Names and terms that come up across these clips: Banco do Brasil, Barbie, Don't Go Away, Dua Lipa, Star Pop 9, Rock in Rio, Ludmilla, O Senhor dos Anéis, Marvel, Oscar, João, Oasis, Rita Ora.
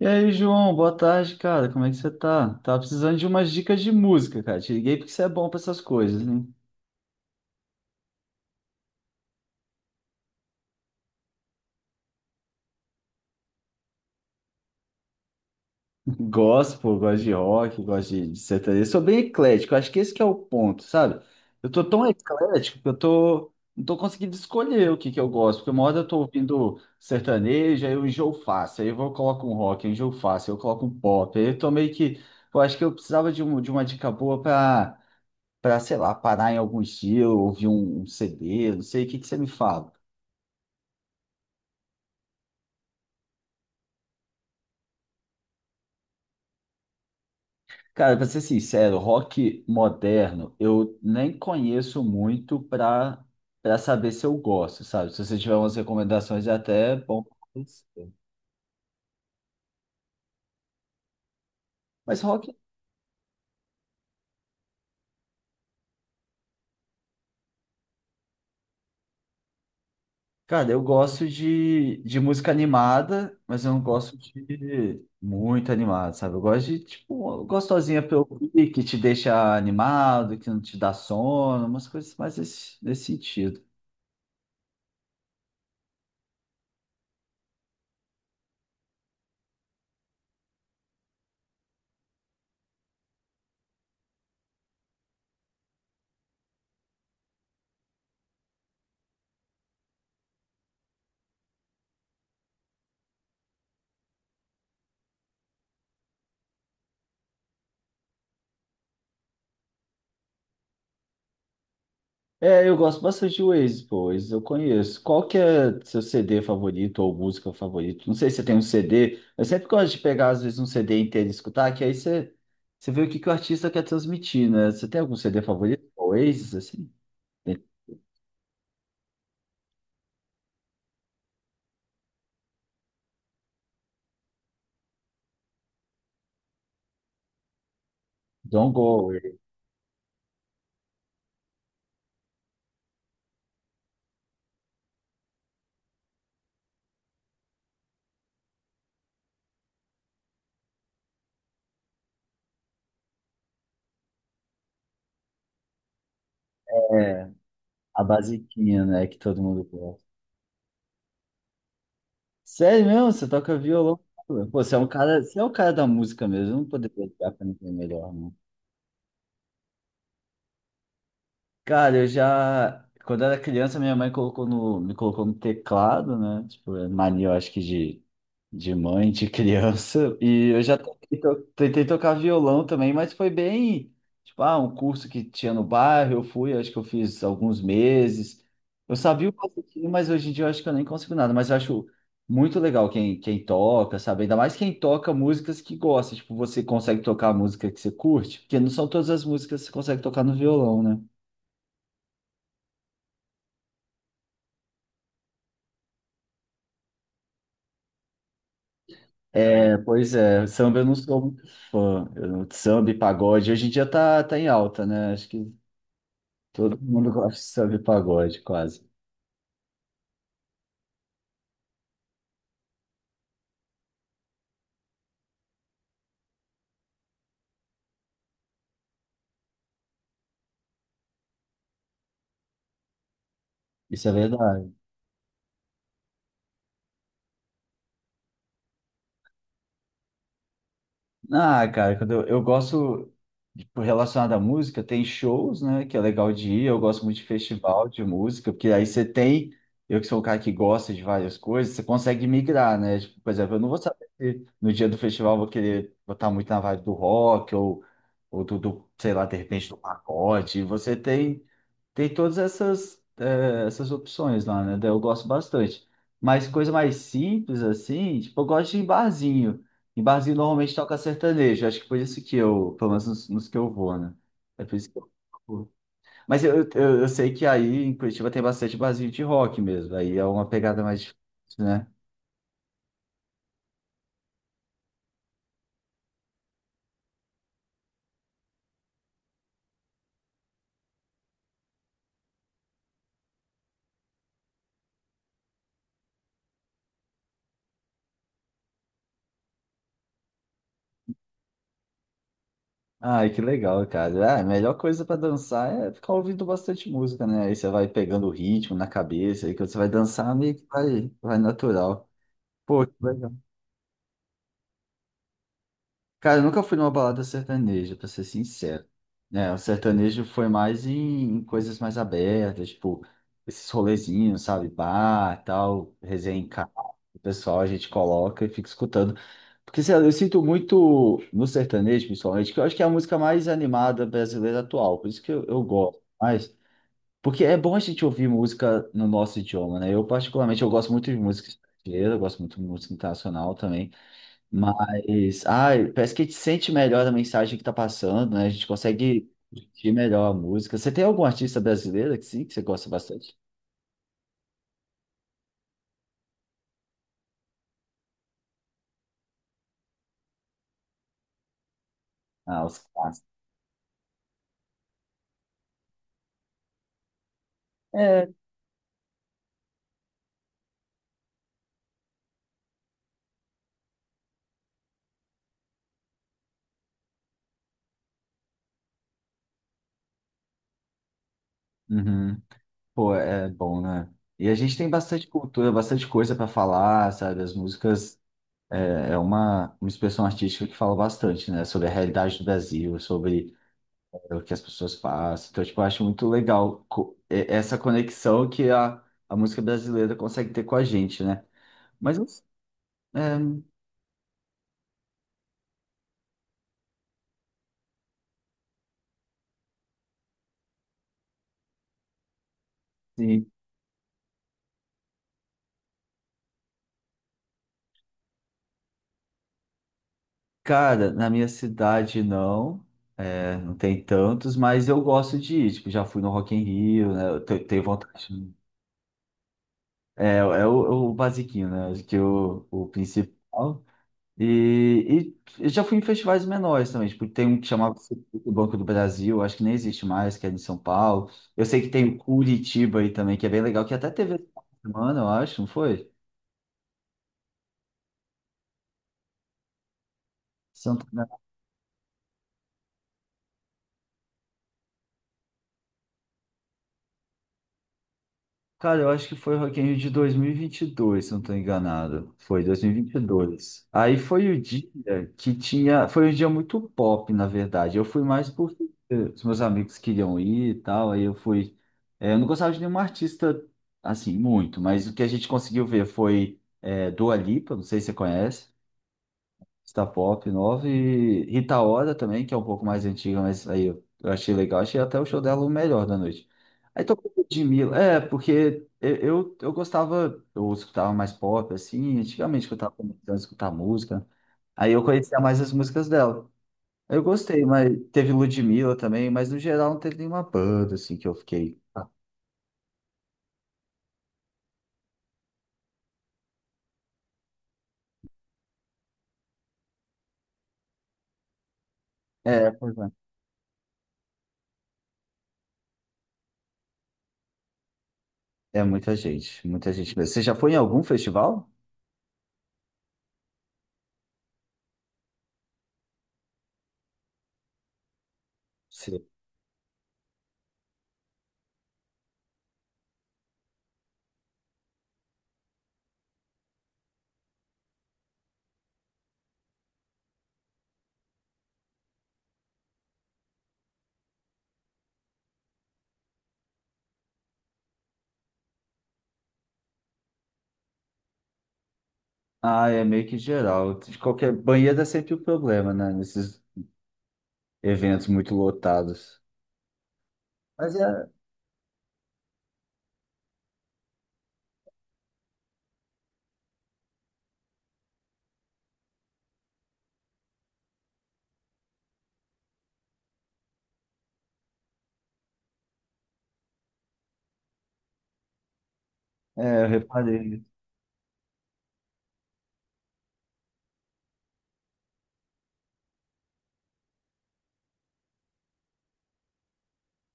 E aí, João, boa tarde, cara. Como é que você tá? Tava precisando de umas dicas de música, cara. Te liguei porque você é bom pra essas coisas, né? Gospel, gosto de rock, gosto de sertanejo. Sou bem eclético, acho que esse que é o ponto, sabe? Eu tô tão eclético que não tô conseguindo escolher o que que eu gosto, porque uma hora eu tô ouvindo sertanejo, aí eu enjoo fácil, aí eu vou, coloco um rock, eu enjoo fácil, aí eu coloco um pop, aí eu tô meio que, eu acho que eu precisava de uma dica boa pra para, sei lá, parar em alguns dias, ouvir um CD, não sei, o que que você me fala? Cara, pra ser sincero, rock moderno, eu nem conheço muito para saber se eu gosto, sabe? Se você tiver umas recomendações, é até bom pra conhecer. Mas rock, cara, eu gosto de música animada, mas eu não gosto de muito animado, sabe? Eu gosto de, tipo, uma gostosinha pra ouvir, que te deixa animado, que não te dá sono, umas coisas mais nesse sentido. É, eu gosto bastante de Oasis, pô, Oasis eu conheço. Qual que é seu CD favorito ou música favorita? Não sei se você tem um CD, eu sempre gosto de pegar, às vezes, um CD inteiro e escutar, que aí você, você vê que o artista quer transmitir, né? Você tem algum CD favorito? Oasis, assim? Tem Don't Go Away, é a basiquinha, né, que todo mundo gosta. Sério mesmo? Você toca violão? Pô, você é um cara, você é um cara da música mesmo, eu não poderia ligar pra ninguém melhor. Cara, eu já. Quando eu era criança, minha mãe colocou no, me colocou no teclado, né? Tipo, é mania, eu acho que de mãe, de criança. E eu já tentei tocar violão também, mas foi bem. Tipo, ah, um curso que tinha no bairro, eu fui, acho que eu fiz alguns meses. Eu sabia um pouquinho, mas hoje em dia eu acho que eu nem consigo nada. Mas eu acho muito legal quem toca, sabe? Ainda mais quem toca músicas que gosta. Tipo, você consegue tocar a música que você curte, porque não são todas as músicas que você consegue tocar no violão, né? É, pois é, samba eu não sou muito fã. Samba e pagode hoje em dia tá em alta, né? Acho que todo mundo gosta de samba e pagode, quase. Isso é verdade. Ah, cara, eu gosto, tipo, relacionado à música, tem shows, né, que é legal de ir, eu gosto muito de festival de música, porque aí você tem, eu que sou um cara que gosta de várias coisas, você consegue migrar, né, tipo, por exemplo, eu não vou saber se no dia do festival eu vou querer botar muito na vibe do rock, ou sei lá, de repente do pagode, você tem tem todas essas, eh, essas opções lá, né? Daí eu gosto bastante. Mas coisa mais simples, assim, tipo, eu gosto de ir em barzinho. Em barzinho normalmente toca sertanejo. Acho que por isso que eu, pelo menos nos que eu vou, né? É por isso que eu vou. Mas eu sei que aí em Curitiba tem bastante barzinho de rock mesmo. Aí é uma pegada mais difícil, né? Ai, que legal, cara. Ah, a melhor coisa pra dançar é ficar ouvindo bastante música, né? Aí você vai pegando o ritmo na cabeça, aí quando você vai dançar, meio que vai natural. Pô, que legal. Cara, eu nunca fui numa balada sertaneja, pra ser sincero. Né, o sertanejo foi mais em, em coisas mais abertas, tipo, esses rolezinhos, sabe? Bar, tal, resenha em casa, o pessoal a gente coloca e fica escutando. Porque, sei lá, eu sinto muito no sertanejo, principalmente, que eu acho que é a música mais animada brasileira atual, por isso que eu gosto mais. Porque é bom a gente ouvir música no nosso idioma, né? Eu, particularmente, eu gosto muito de música estrangeira, eu gosto muito de música internacional também. Mas, ah, parece que a gente sente melhor a mensagem que tá passando, né? A gente consegue sentir melhor a música. Você tem algum artista brasileiro que sim, que você gosta bastante? Ah, os clássicos. Uhum. Pô, é bom, né? E a gente tem bastante cultura, bastante coisa para falar, sabe? As músicas é uma expressão artística que fala bastante, né? Sobre a realidade do Brasil, sobre é, o que as pessoas passam. Então, tipo, eu acho muito legal essa conexão que a música brasileira consegue ter com a gente, né? Mas, é. Sim. Cara, na minha cidade não, é, não tem tantos, mas eu gosto de ir. Tipo, já fui no Rock in Rio, né? Tenho vontade de. É, é o, é o basiquinho, né? Acho que o principal. E, e eu já fui em festivais menores também. Tipo, tem um que chamava o Banco do Brasil, acho que nem existe mais, que é em São Paulo. Eu sei que tem o Curitiba aí também, que é bem legal, que até teve essa semana, eu acho, não foi? Cara, eu acho que foi o Rock in Rio de 2022, se não estou enganado. Foi 2022. Aí foi o dia que tinha... Foi um dia muito pop, na verdade. Eu fui mais porque os meus amigos queriam ir e tal. Aí eu fui... É, eu não gostava de nenhum artista, assim, muito. Mas o que a gente conseguiu ver foi é, Dua Lipa, não sei se você conhece. Star Pop 9 e Rita Ora também, que é um pouco mais antiga, mas aí eu achei legal, achei até o show dela o melhor da noite. Aí tocou Ludmilla, é, porque eu gostava, eu escutava mais pop, assim, antigamente que eu tava começando a escutar música, aí eu conhecia mais as músicas dela. Eu gostei, mas teve Ludmilla também, mas no geral não teve nenhuma banda, assim, que eu fiquei... ah, é, pois é. É muita gente mesmo. Você já foi em algum festival? Ah, é meio que geral. De qualquer banheiro é sempre o problema, né? Nesses eventos muito lotados. Mas é, eu reparei.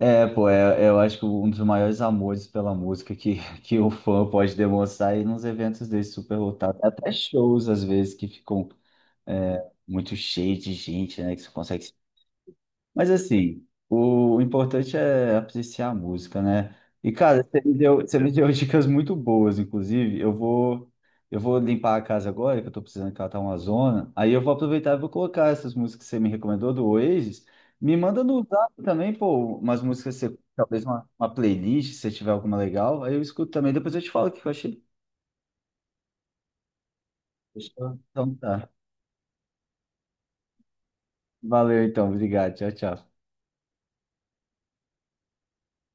É, pô, é, eu acho que um dos maiores amores pela música que, que o fã pode demonstrar é ir nos eventos desses super lotados. Até shows, às vezes, que ficam é, muito cheios de gente, né? Que você consegue. Mas assim, o importante é apreciar a música, né? E cara, você me deu dicas muito boas, inclusive. Eu vou limpar a casa agora, que eu tô precisando catar uma zona. Aí eu vou aproveitar e vou colocar essas músicas que você me recomendou do Oasis. Me manda no zap também, pô, umas músicas, que você, talvez uma playlist, se tiver alguma legal. Aí eu escuto também, depois eu te falo o que eu achei. Fechou? Então tá. Valeu então, obrigado. Tchau, tchau.